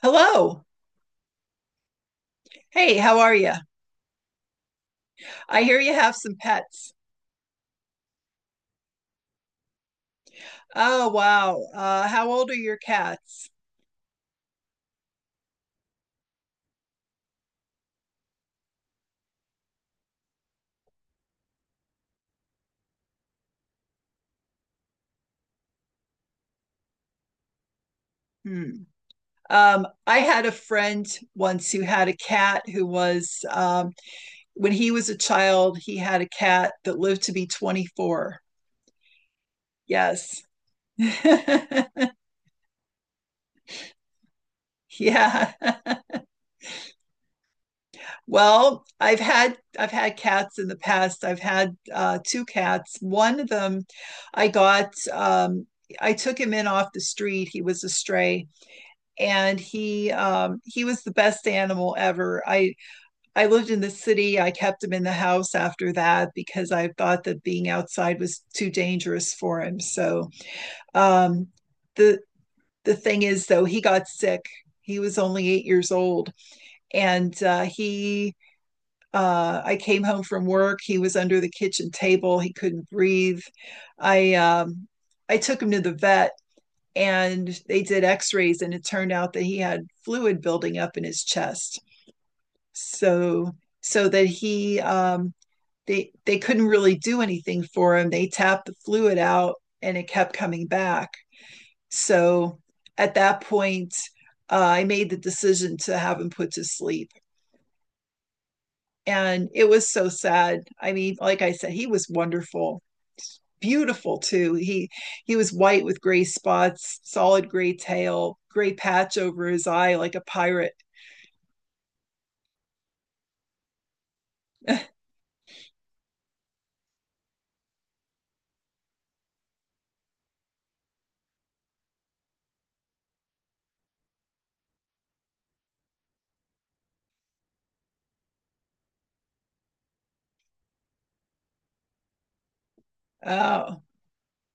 Hello. Hey, how are you? I hear you have some pets. Oh, wow. How old are your cats? Hmm. I had a friend once who had a cat who was, when he was a child, he had a cat that lived to be 24. Yes. Yeah. Well, I've had cats in the past. I've had two cats. One of them I got I took him in off the street. He was a stray, and he was the best animal ever. I lived in the city. I kept him in the house after that because I thought that being outside was too dangerous for him. So um the the thing is, though, he got sick. He was only 8 years old, and he I came home from work. He was under the kitchen table. He couldn't breathe. I I took him to the vet, and they did x-rays, and it turned out that he had fluid building up in his chest. So so that he they couldn't really do anything for him. They tapped the fluid out, and it kept coming back. So at that point, I made the decision to have him put to sleep. And it was so sad. I mean, like I said, he was wonderful. Beautiful, too. He was white with gray spots, solid gray tail, gray patch over his eye like a pirate. Oh,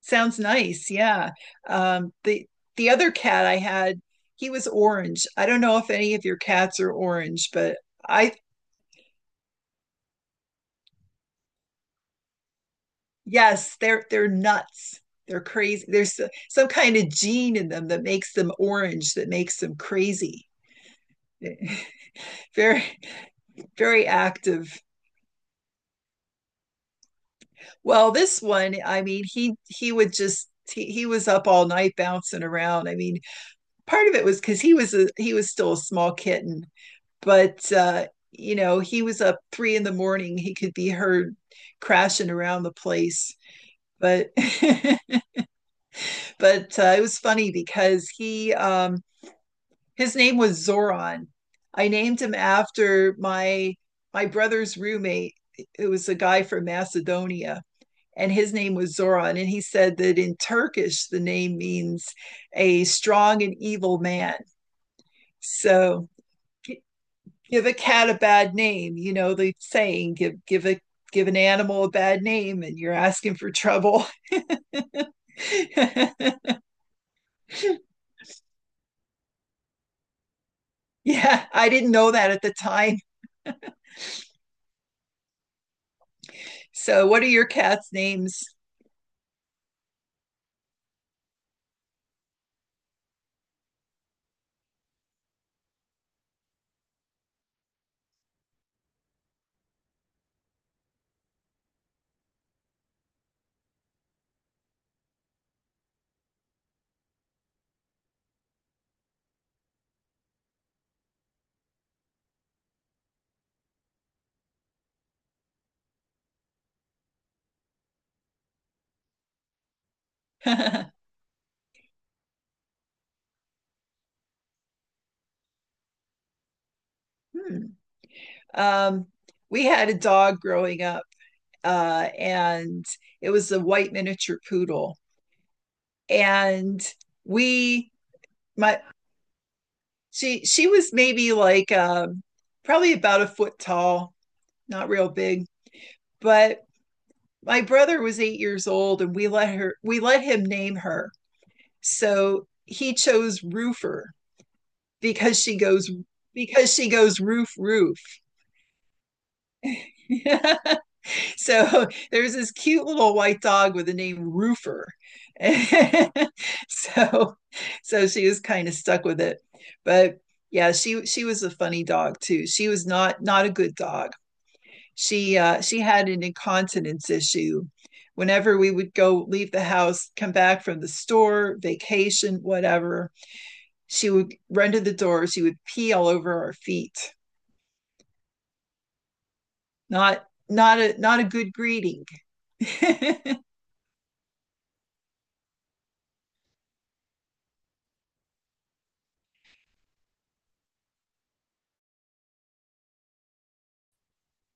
sounds nice. Yeah. Um, the the other cat I had, he was orange. I don't know if any of your cats are orange, but I yes, they're nuts. They're crazy. There's some kind of gene in them that makes them orange, that makes them crazy. Very, very active. Well, this one, I mean, he would just he was up all night bouncing around. I mean, part of it was because he was still a small kitten, but you know, he was up three in the morning. He could be heard crashing around the place. But but it was funny because he his name was Zoran. I named him after my my brother's roommate. It was a guy from Macedonia, and his name was Zoran. And he said that in Turkish, the name means a strong and evil man. So give a cat a bad name, you know the saying, give an animal a bad name and you're asking for trouble. Yeah, I didn't know that at the time. So what are your cat's names? Hmm. Um, we had a dog growing up, and it was a white miniature poodle. And we, my, she was maybe like probably about a foot tall, not real big, but my brother was 8 years old, and we let him name her. So he chose Roofer because she goes because she goes roof roof. So there's this cute little white dog with the name Roofer. So so she was kind of stuck with it. But yeah, she was a funny dog, too. She was not a good dog. She had an incontinence issue. Whenever we would go leave the house, come back from the store, vacation, whatever, she would run to the door, she would pee all over our feet. Not a good greeting.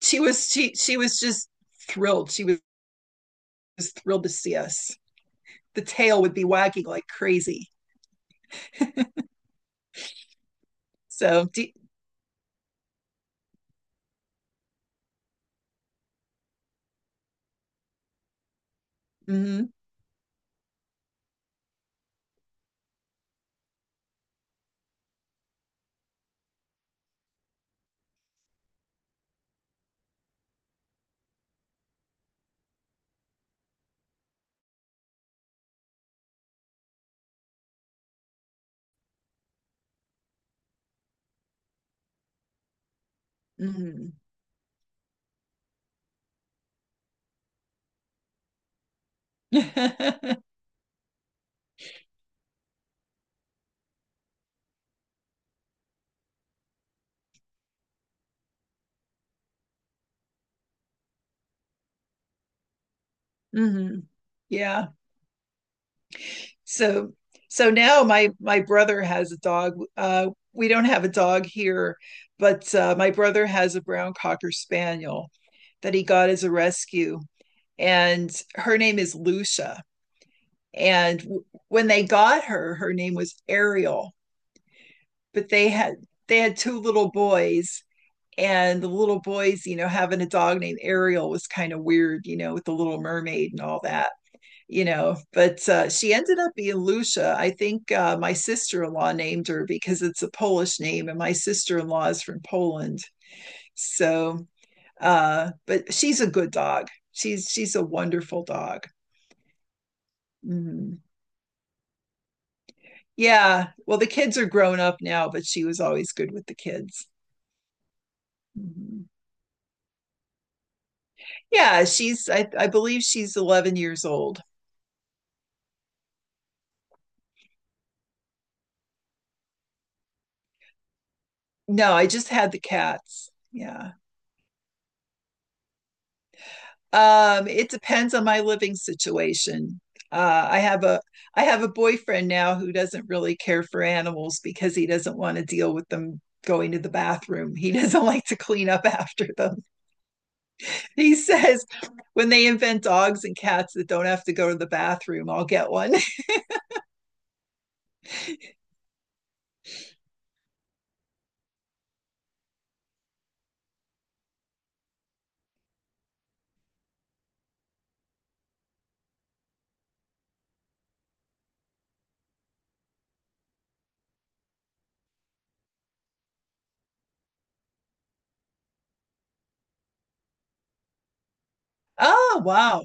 she was just thrilled. Was thrilled to see us. The tail would be wagging like crazy. So, mm-hmm, mm-hmm. Mm-hmm. Yeah. So so now my brother has a dog. We don't have a dog here, but my brother has a brown cocker spaniel that he got as a rescue, and her name is Lucia. And when they got her, her name was Ariel, but they had two little boys, and the little boys, you know, having a dog named Ariel was kind of weird, you know, with the Little Mermaid and all that. You know, but she ended up being Lucia. I think my sister-in-law named her because it's a Polish name, and my sister-in-law is from Poland. So but she's a good dog. She's a wonderful dog. Mhm. Yeah, well, the kids are grown up now, but she was always good with the kids. Mhm. Yeah, she's I believe she's 11 years old. No, I just had the cats. Yeah. It depends on my living situation. Uh, I have a I have a boyfriend now who doesn't really care for animals because he doesn't want to deal with them going to the bathroom. He doesn't like to clean up after them. He says when they invent dogs and cats that don't have to go to the bathroom, I'll get one. Oh, wow.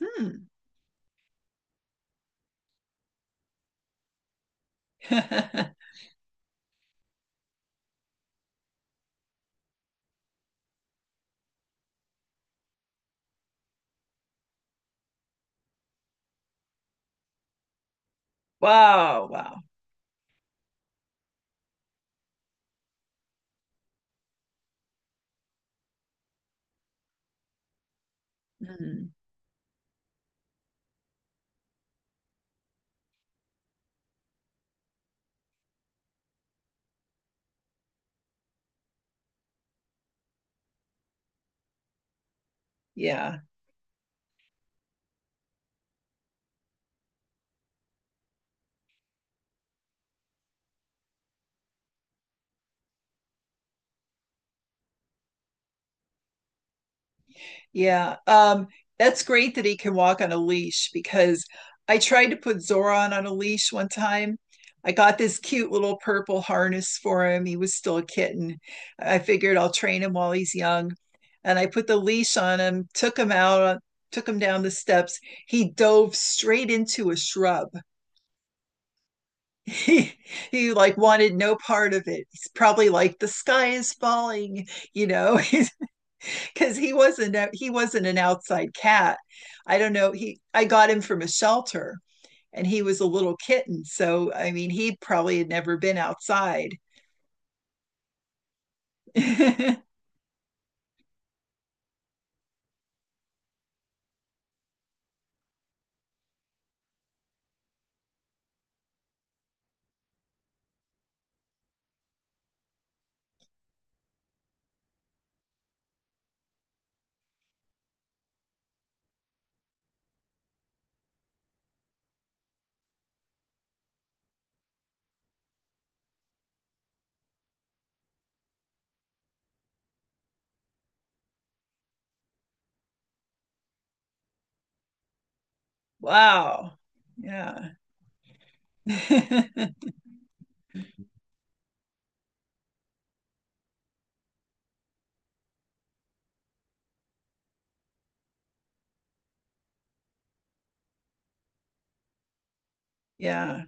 Hmm. Wow, wow. Hmm. Yeah. Yeah. That's great that he can walk on a leash because I tried to put Zoran on a leash one time. I got this cute little purple harness for him. He was still a kitten. I figured I'll train him while he's young. And I put the leash on him, took him out, took him down the steps. He dove straight into a shrub. He, he like wanted no part of it. He's probably like, the sky is falling, you know. Because he wasn't an outside cat. I don't know. He I got him from a shelter, and he was a little kitten. So I mean, he probably had never been outside. Wow. Yeah. Yeah.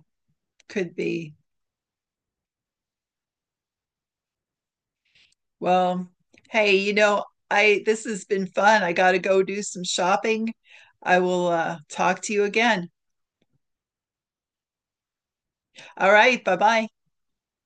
Could be. Well, hey, you know, I this has been fun. I gotta go do some shopping. I will talk to you again. All right, bye bye.